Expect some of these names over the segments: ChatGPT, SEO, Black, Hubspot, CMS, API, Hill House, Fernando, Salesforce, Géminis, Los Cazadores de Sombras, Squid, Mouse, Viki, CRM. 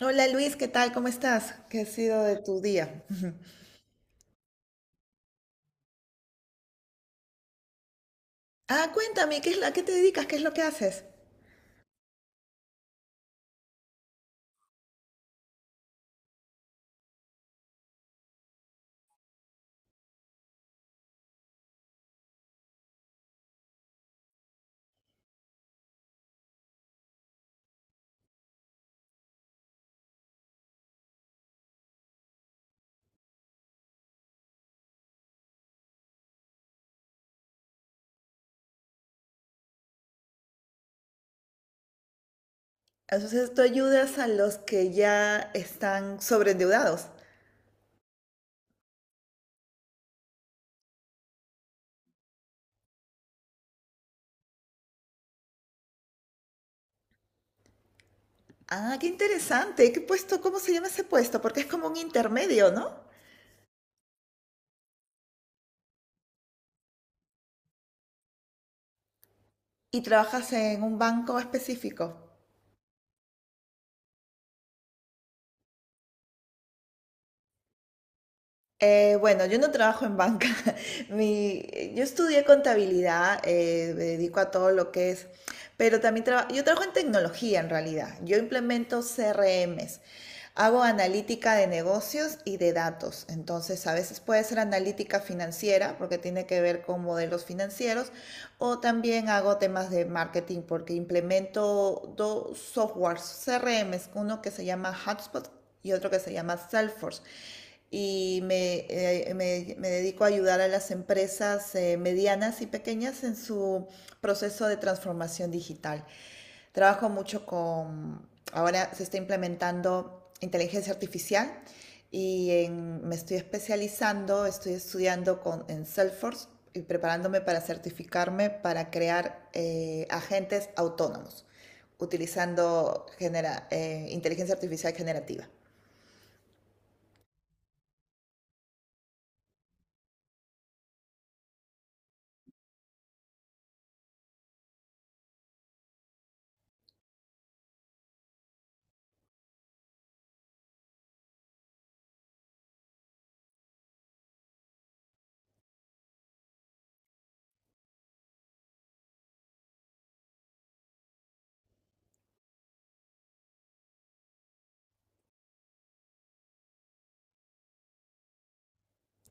Hola Luis, ¿qué tal? ¿Cómo estás? ¿Qué ha sido de tu día? Ah, cuéntame, ¿qué es la a qué te dedicas? ¿Qué es lo que haces? Entonces tú ayudas a los que ya están sobreendeudados. Ah, qué interesante. ¿Qué puesto? ¿Cómo se llama ese puesto? Porque es como un intermedio, ¿no? Y trabajas en un banco específico. Bueno, yo no trabajo en banca. Mi, yo estudié contabilidad, me dedico a todo lo que es, pero también yo trabajo en tecnología en realidad. Yo implemento CRMs. Hago analítica de negocios y de datos. Entonces, a veces puede ser analítica financiera porque tiene que ver con modelos financieros o también hago temas de marketing porque implemento dos softwares CRMs, uno que se llama Hubspot y otro que se llama Salesforce y me dedico a ayudar a las empresas medianas y pequeñas en su proceso de transformación digital. Trabajo mucho con, ahora se está implementando inteligencia artificial y me estoy especializando, estoy estudiando en Salesforce y preparándome para certificarme para crear agentes autónomos utilizando inteligencia artificial generativa.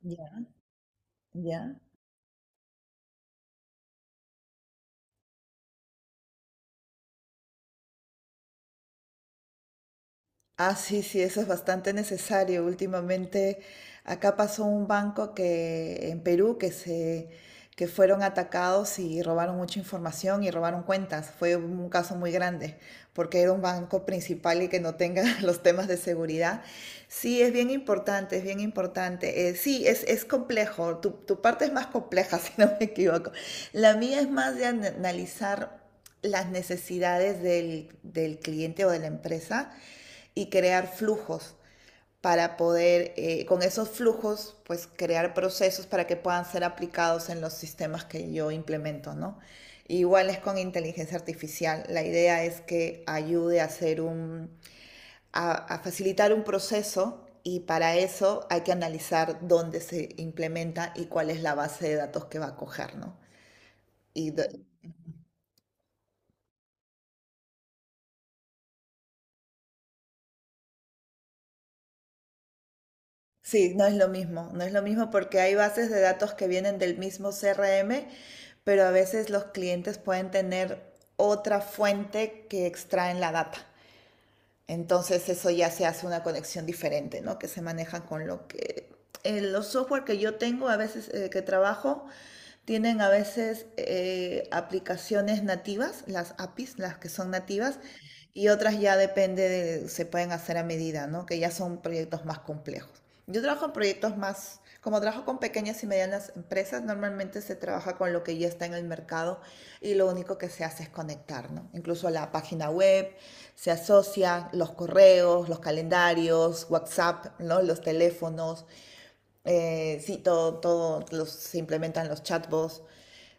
Ya, ya. Ah, sí, sí, eso es bastante necesario. Últimamente acá pasó un banco que en Perú que fueron atacados y robaron mucha información y robaron cuentas. Fue un caso muy grande porque era un banco principal y que no tenga los temas de seguridad. Sí, es bien importante, es bien importante. Sí, es complejo. Tu parte es más compleja, si no me equivoco. La mía es más de analizar las necesidades del cliente o de la empresa y crear flujos para poder, con esos flujos, pues crear procesos para que puedan ser aplicados en los sistemas que yo implemento, ¿no? Igual es con inteligencia artificial. La idea es que ayude a hacer a facilitar un proceso y para eso hay que analizar dónde se implementa y cuál es la base de datos que va a coger, ¿no? Y Sí, no es lo mismo, no es lo mismo porque hay bases de datos que vienen del mismo CRM, pero a veces los clientes pueden tener otra fuente que extraen la data. Entonces eso ya se hace una conexión diferente, ¿no? Que se manejan con lo que… los software que yo tengo, a veces que trabajo, tienen a veces aplicaciones nativas, las APIs, las que son nativas, y otras ya depende de, se pueden hacer a medida, ¿no? Que ya son proyectos más complejos. Yo trabajo en proyectos más, como trabajo con pequeñas y medianas empresas, normalmente se trabaja con lo que ya está en el mercado y lo único que se hace es conectar, ¿no? Incluso la página web se asocia, los correos, los calendarios, WhatsApp, ¿no? Los teléfonos, sí, todo, se implementan los chatbots.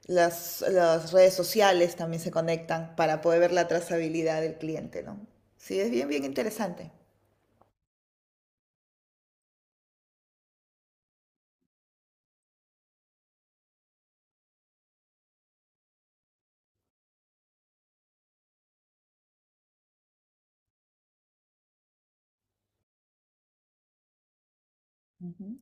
Las redes sociales también se conectan para poder ver la trazabilidad del cliente, ¿no? Sí, es bien interesante. Ujú.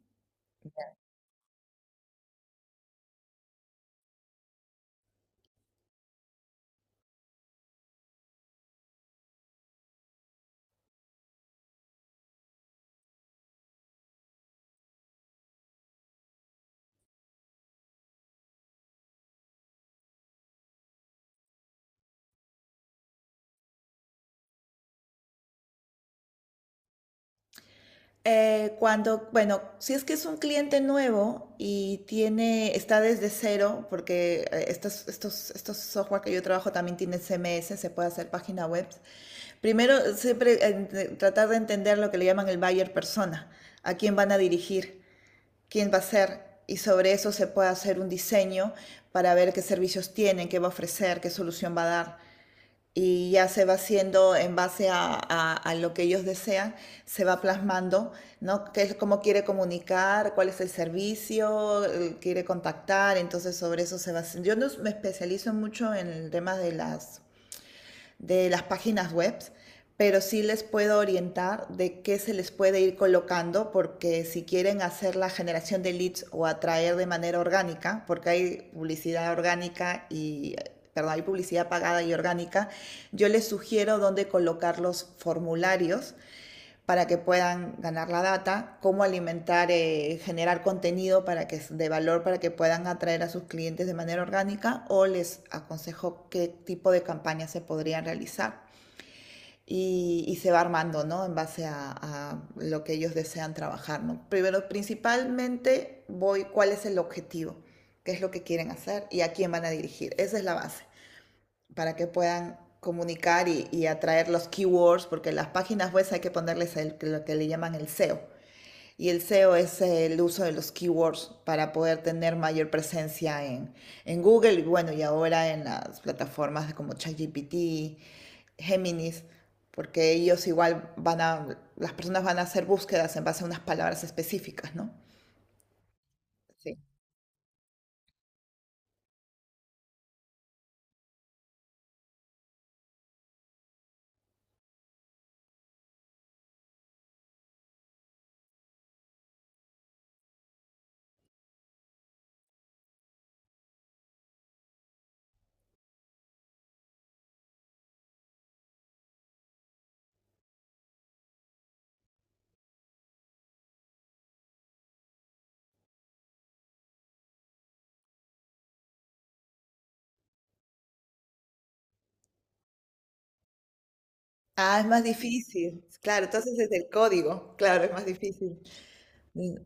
Cuando, bueno, si es que es un cliente nuevo y tiene, está desde cero, porque estos software que yo trabajo también tienen CMS, se puede hacer página web. Primero, siempre tratar de entender lo que le llaman el buyer persona, a quién van a dirigir. Quién va a ser y sobre eso se puede hacer un diseño para ver qué servicios tienen, qué va a ofrecer, qué solución va a dar. Y ya se va haciendo en base a lo que ellos desean, se va plasmando, ¿no? Cómo quiere comunicar, cuál es el servicio, quiere contactar, entonces sobre eso se va haciendo. Yo no me especializo mucho en el tema de las páginas web, pero sí les puedo orientar de qué se les puede ir colocando, porque si quieren hacer la generación de leads o atraer de manera orgánica, porque hay publicidad orgánica y perdón, hay publicidad pagada y orgánica, yo les sugiero dónde colocar los formularios para que puedan ganar la data, cómo alimentar, generar contenido de valor para que puedan atraer a sus clientes de manera orgánica o les aconsejo qué tipo de campañas se podrían realizar. Y se va armando, ¿no? En base lo que ellos desean trabajar, ¿no? Primero, principalmente voy cuál es el objetivo, qué es lo que quieren hacer y a quién van a dirigir. Esa es la base para que puedan comunicar y atraer los keywords, porque en las páginas web hay que ponerles lo que le llaman el SEO. Y el SEO es el uso de los keywords para poder tener mayor presencia en Google y bueno, y ahora en las plataformas como ChatGPT, Géminis, porque ellos igual las personas van a hacer búsquedas en base a unas palabras específicas, ¿no? Sí. Ah, es más difícil. Claro, entonces es el código. Claro, es más difícil. Mm,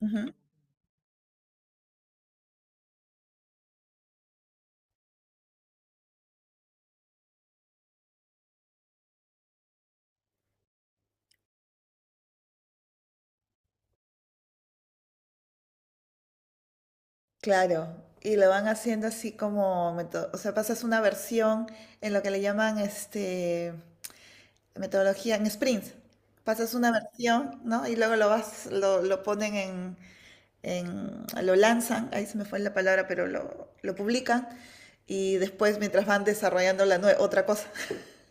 ujú. Claro, y lo van haciendo así como, o sea, pasas una versión en lo que le llaman metodología en sprints. Pasas una versión, ¿no? Y luego lo ponen en, lo lanzan, ahí se me fue la palabra, pero lo publican y después mientras van desarrollando otra cosa.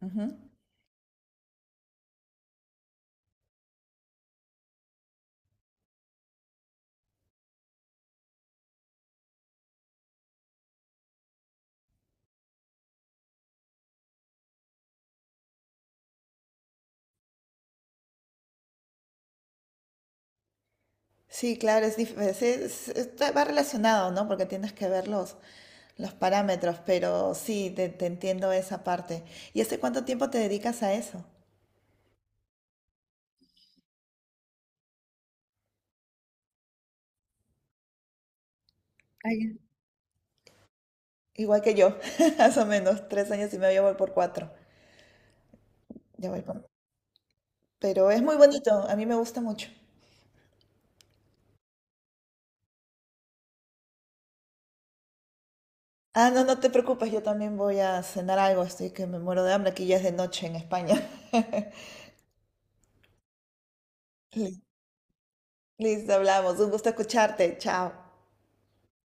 Ujú. Sí, claro, es, dif- es- está- va relacionado, ¿no? Porque tienes que ver los parámetros, pero sí, te entiendo esa parte. ¿Y hace cuánto tiempo te dedicas a eso? Ah, ya. Igual que yo, más o menos, tres años y medio ya voy por cuatro. Ya voy por… Pero es muy bonito, a mí me gusta mucho. Ah, no, no te preocupes, yo también voy a cenar algo, estoy que me muero de hambre, aquí ya es de noche en España. Listo, hablamos, un gusto escucharte, chao.